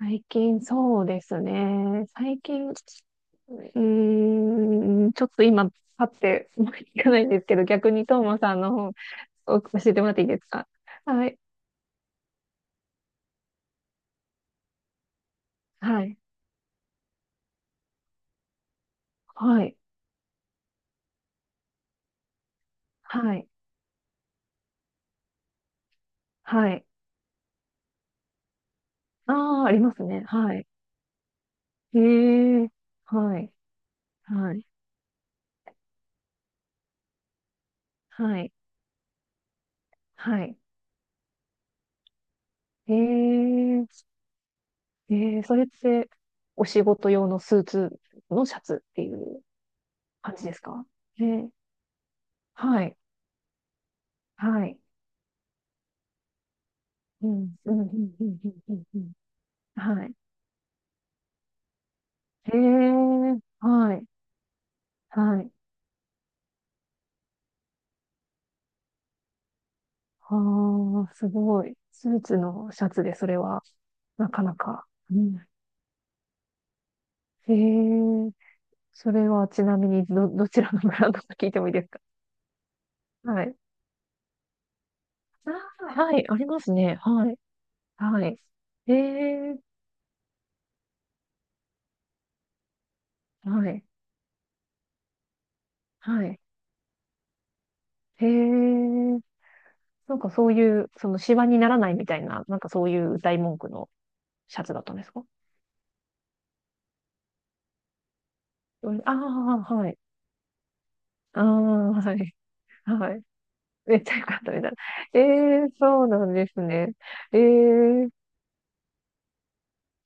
最近そうですね。最近、ちょっと今、パッて思いつかないんですけど、逆にトーマさんの方を教えてもらっていいですか？はい。はい。はい。はい。はい。ああ、ありますね。はい。へえ。はい。はい。はい。はい。へえ。えー、それって、お仕事用のスーツのシャツっていう感じですか？えー、はい。はい。うん、うん、うん、うん、うん、うんうん。はい。へえ、はい、はい。ああ、すごい。スーツのシャツでそれは、なかなか。うん。へえ、それはちなみにど、どちらのブランドか聞いてもいいですか？はい。ああ、はい、ありますね。はい、はい。へえ、はい、はい。へえ、なんかそういう、その、シワにならないみたいな、なんかそういう大文句のシャツだったんですか？ああー、はい。ああ、はい。はい。めっちゃ良かったみたいな。ええ、そうなんですね。ええ、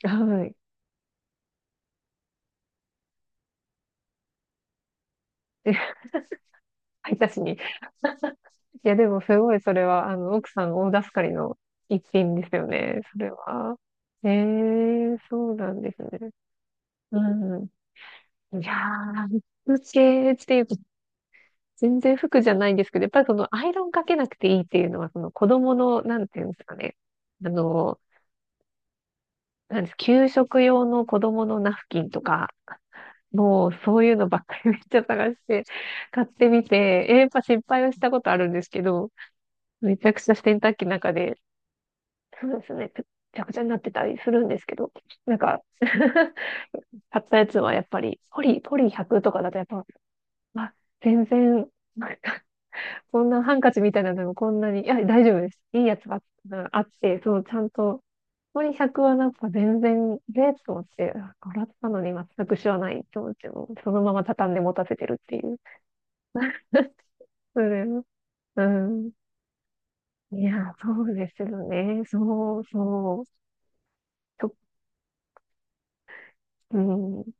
はい。え、配達に。いや、でもすごいそれは、奥さん大助かりの一品ですよね、それは。ええ、そうなんですね。うん。いやー、服系っていうと、全然服じゃないんですけど、やっぱりそのアイロンかけなくていいっていうのは、その子供の、なんていうんですかね。あの、なんです、給食用の子供のナフキンとか、もうそういうのばっかりめっちゃ探して買ってみて、えやっぱ失敗はしたことあるんですけど、めちゃくちゃ洗濯機の中で、そうですね、くちゃくちゃになってたりするんですけど、なんか 買ったやつはやっぱり、ポリ100とかだとやっぱ、あ、全然、なんかこんなハンカチみたいなのもこんなに、いや、大丈夫です。いいやつがあって、そう、ちゃんと、ポリ100はなんか全然、えーと思って、あ洗ったのに全く知らないと思って、もうそのまま畳んで持たせてるっていう。それは、うん。いや、そうですよね。そうそう。きょ、うん。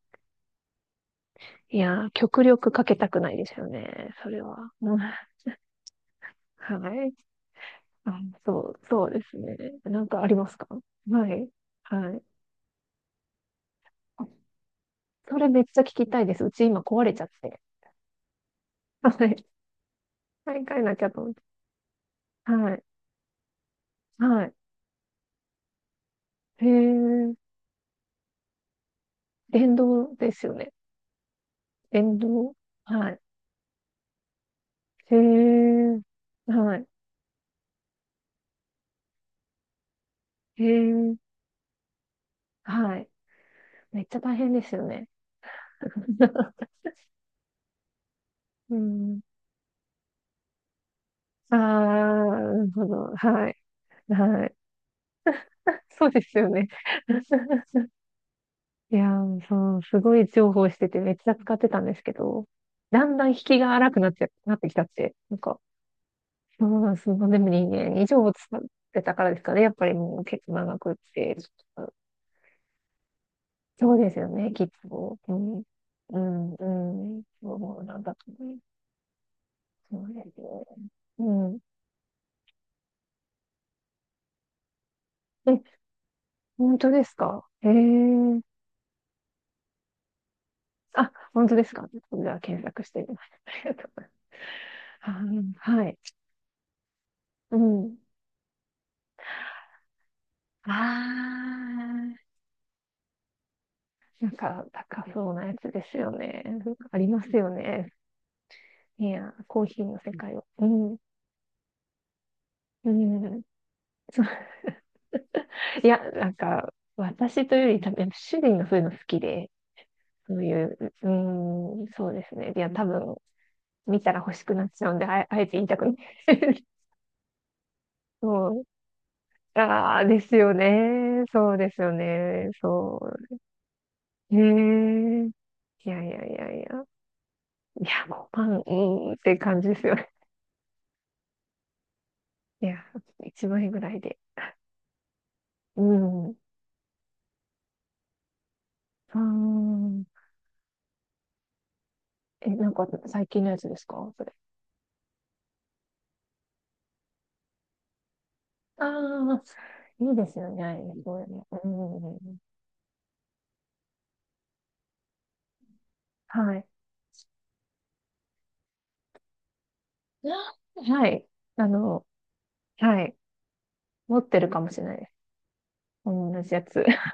いや、極力かけたくないですよね。それは。うん。 はい。あ、そう、そうですね。なんかありますか？はい。はい。あ、それめっちゃ聞きたいです。うち今壊れちゃって。はい。買い替えなきゃと思って。はい。はい。へえ。電動ですよね。電動。はい。へえ。はい。へえ。はい。めっちゃ大変ですよね。うん。ああ、なるほど。はい。はい。そうですよね。いやー、そう、すごい重宝しててめっちゃ使ってたんですけど、だんだん引きが荒くなっちゃ、なってきたって、なんか、そうなんです。でも2年以上使ってたからですかね。やっぱりもう結構長くって。そうですよね、きっと。うん。うん、うん。そうなんだと思います。そうですね。うん。え、本当ですか？ええ、あ、本当ですか？じゃあ検索してみます。ありがとうございます。あー、はい。うん。ああ。なんか高そうなやつですよね。ありますよね。いや、コーヒーの世界を。うん。うん。そう、いや、なんか、私というより多分、主人がそういうの好きで、そういう、うん、そうですね。いや、多分、見たら欲しくなっちゃうんで、あえ、あえて言いたくない。そう。ああ、ですよね。そうですよね。そう、へえ。いやいやいやいや。いや、5万、うーんって感じですよね。いや、1円ぐらいで。うん。あー、え、なんか最近のやつですかそれ？ああ、いいですよね。あれね、そうよね。うん。はい。あ、はい。あの、はい。持ってるかもしれないです。同じやつ。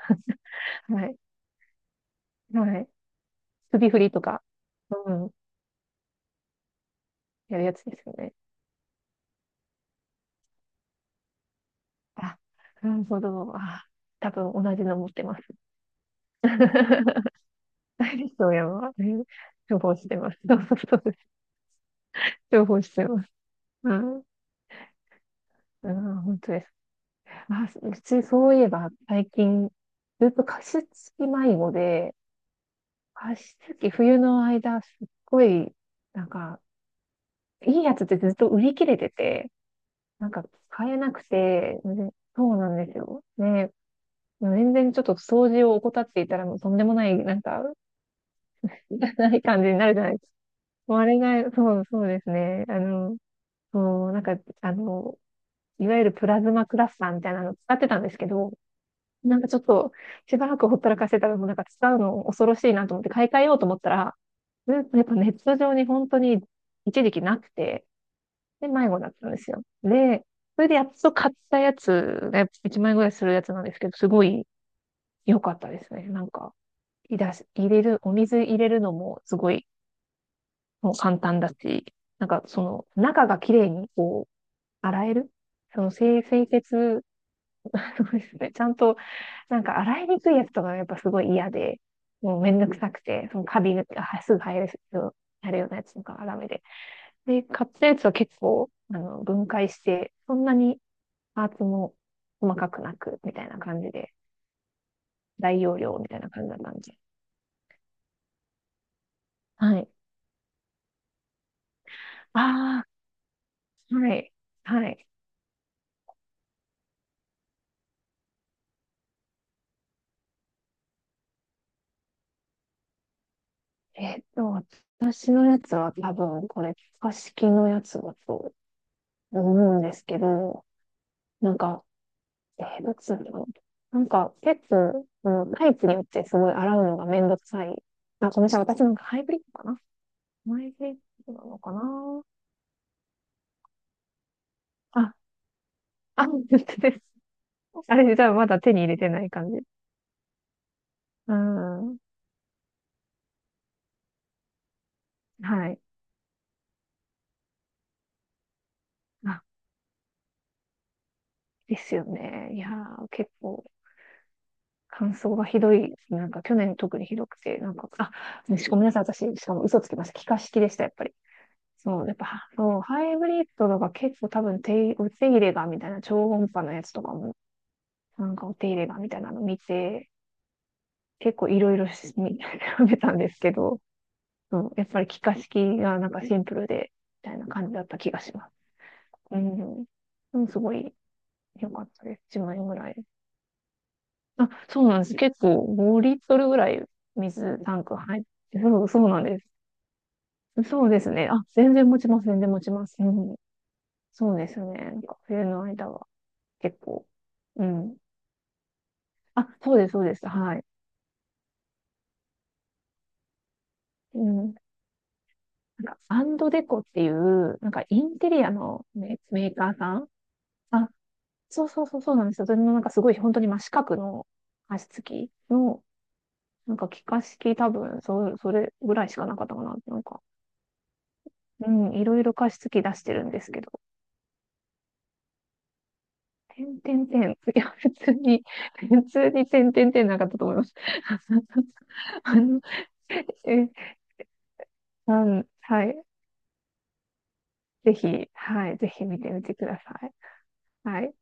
はい。はい。首振りとか、うん。やるやつですよね。あ、なるほど。あ、多分同じの持ってます。ダイストやば、えー、重宝してます。そうそうそうです。重宝してます。うん。うん、本当です。あ、うちそういえば最近、ずっと加湿器迷子で、加湿器冬の間すっごい、なんか、いいやつってずっと売り切れてて、なんか買えなくて、ね、そうなんですよ。ね、全然ちょっと掃除を怠っていたらもうとんでもない、なんか、ない感じになるじゃないですか。もうあれが、そう、そうですね。そう、なんか、あの、いわゆるプラズマクラスターみたいなのを使ってたんですけど、なんかちょっとしばらくほったらかしてたらもうなんか使うの恐ろしいなと思って買い替えようと思ったら、やっぱネット上に本当に一時期なくて、で、迷子だったんですよ。で、それでやっと買ったやつが1万円ぐらいするやつなんですけど、すごい良かったですね。なんか、いだし入れる、お水入れるのもすごい、もう簡単だし、なんかその中が綺麗にこう洗える、その清、清潔 そうですね。ちゃんと、なんか洗いにくいやつとかがやっぱすごい嫌で、もうめんどくさくて、そのカビがはすぐ生えるよやるようなやつとかがダメで。で、買ったやつは結構、分解して、そんなにパーツも細かくなく、みたいな感じで、大容量みたいな感じだったんで。はい。ああ、はい。はい。えっと、私のやつは多分これ、可式のやつだと思うんですけど、なんかえー、どっちなんだろう。なんか、結構、そのタイプによってすごい洗うのがめんどくさい。あ、ごめんなさい。私なんかハイブリッドかな、ハイブリッドなのかな。あ、あ、本当です。あれ、じゃあまだ手に入れてない感じ。うん。はい。あ、ですよね。いやー、結構、乾燥がひどい。なんか、去年特にひどくて、なんか、あ、し、ごめんなさい。私、しかも嘘つきました。気化式でした、やっぱり。そう、やっぱ、そう、ハイブリッドとか結構多分手、お手入れがみたいな超音波のやつとかもなんかお手入れがみたいなの見て、結構いろいろし調べ たんですけど、そうやっぱり気化式がなんかシンプルで、みたいな感じだった気がします。うん。でもすごい良かったです。1万円ぐらい。あ、そうなんです。結構5リットルぐらい水タンク入って、そう、そうなんです。そうですね。あ、全然持ちます。全然持ちます。うん。そうですね。なんか冬の間は結構。うん。あ、そうです、そうです。はい。うん。なんか、アンドデコっていう、なんかインテリアのメーカーさん、あ、そうそうそうそうなんですよ。それのなんかすごい本当に真四角の加湿器の、なんか気化式多分、それぐらいしかなかったかな。なんか、うん、いろいろ加湿器出してるんですけど、てんてんてん。いや、普通に、普通にてんてんてんなかったと思います。あの、え、うん、はい。ぜひ、はい、ぜひ見てみてください。はい。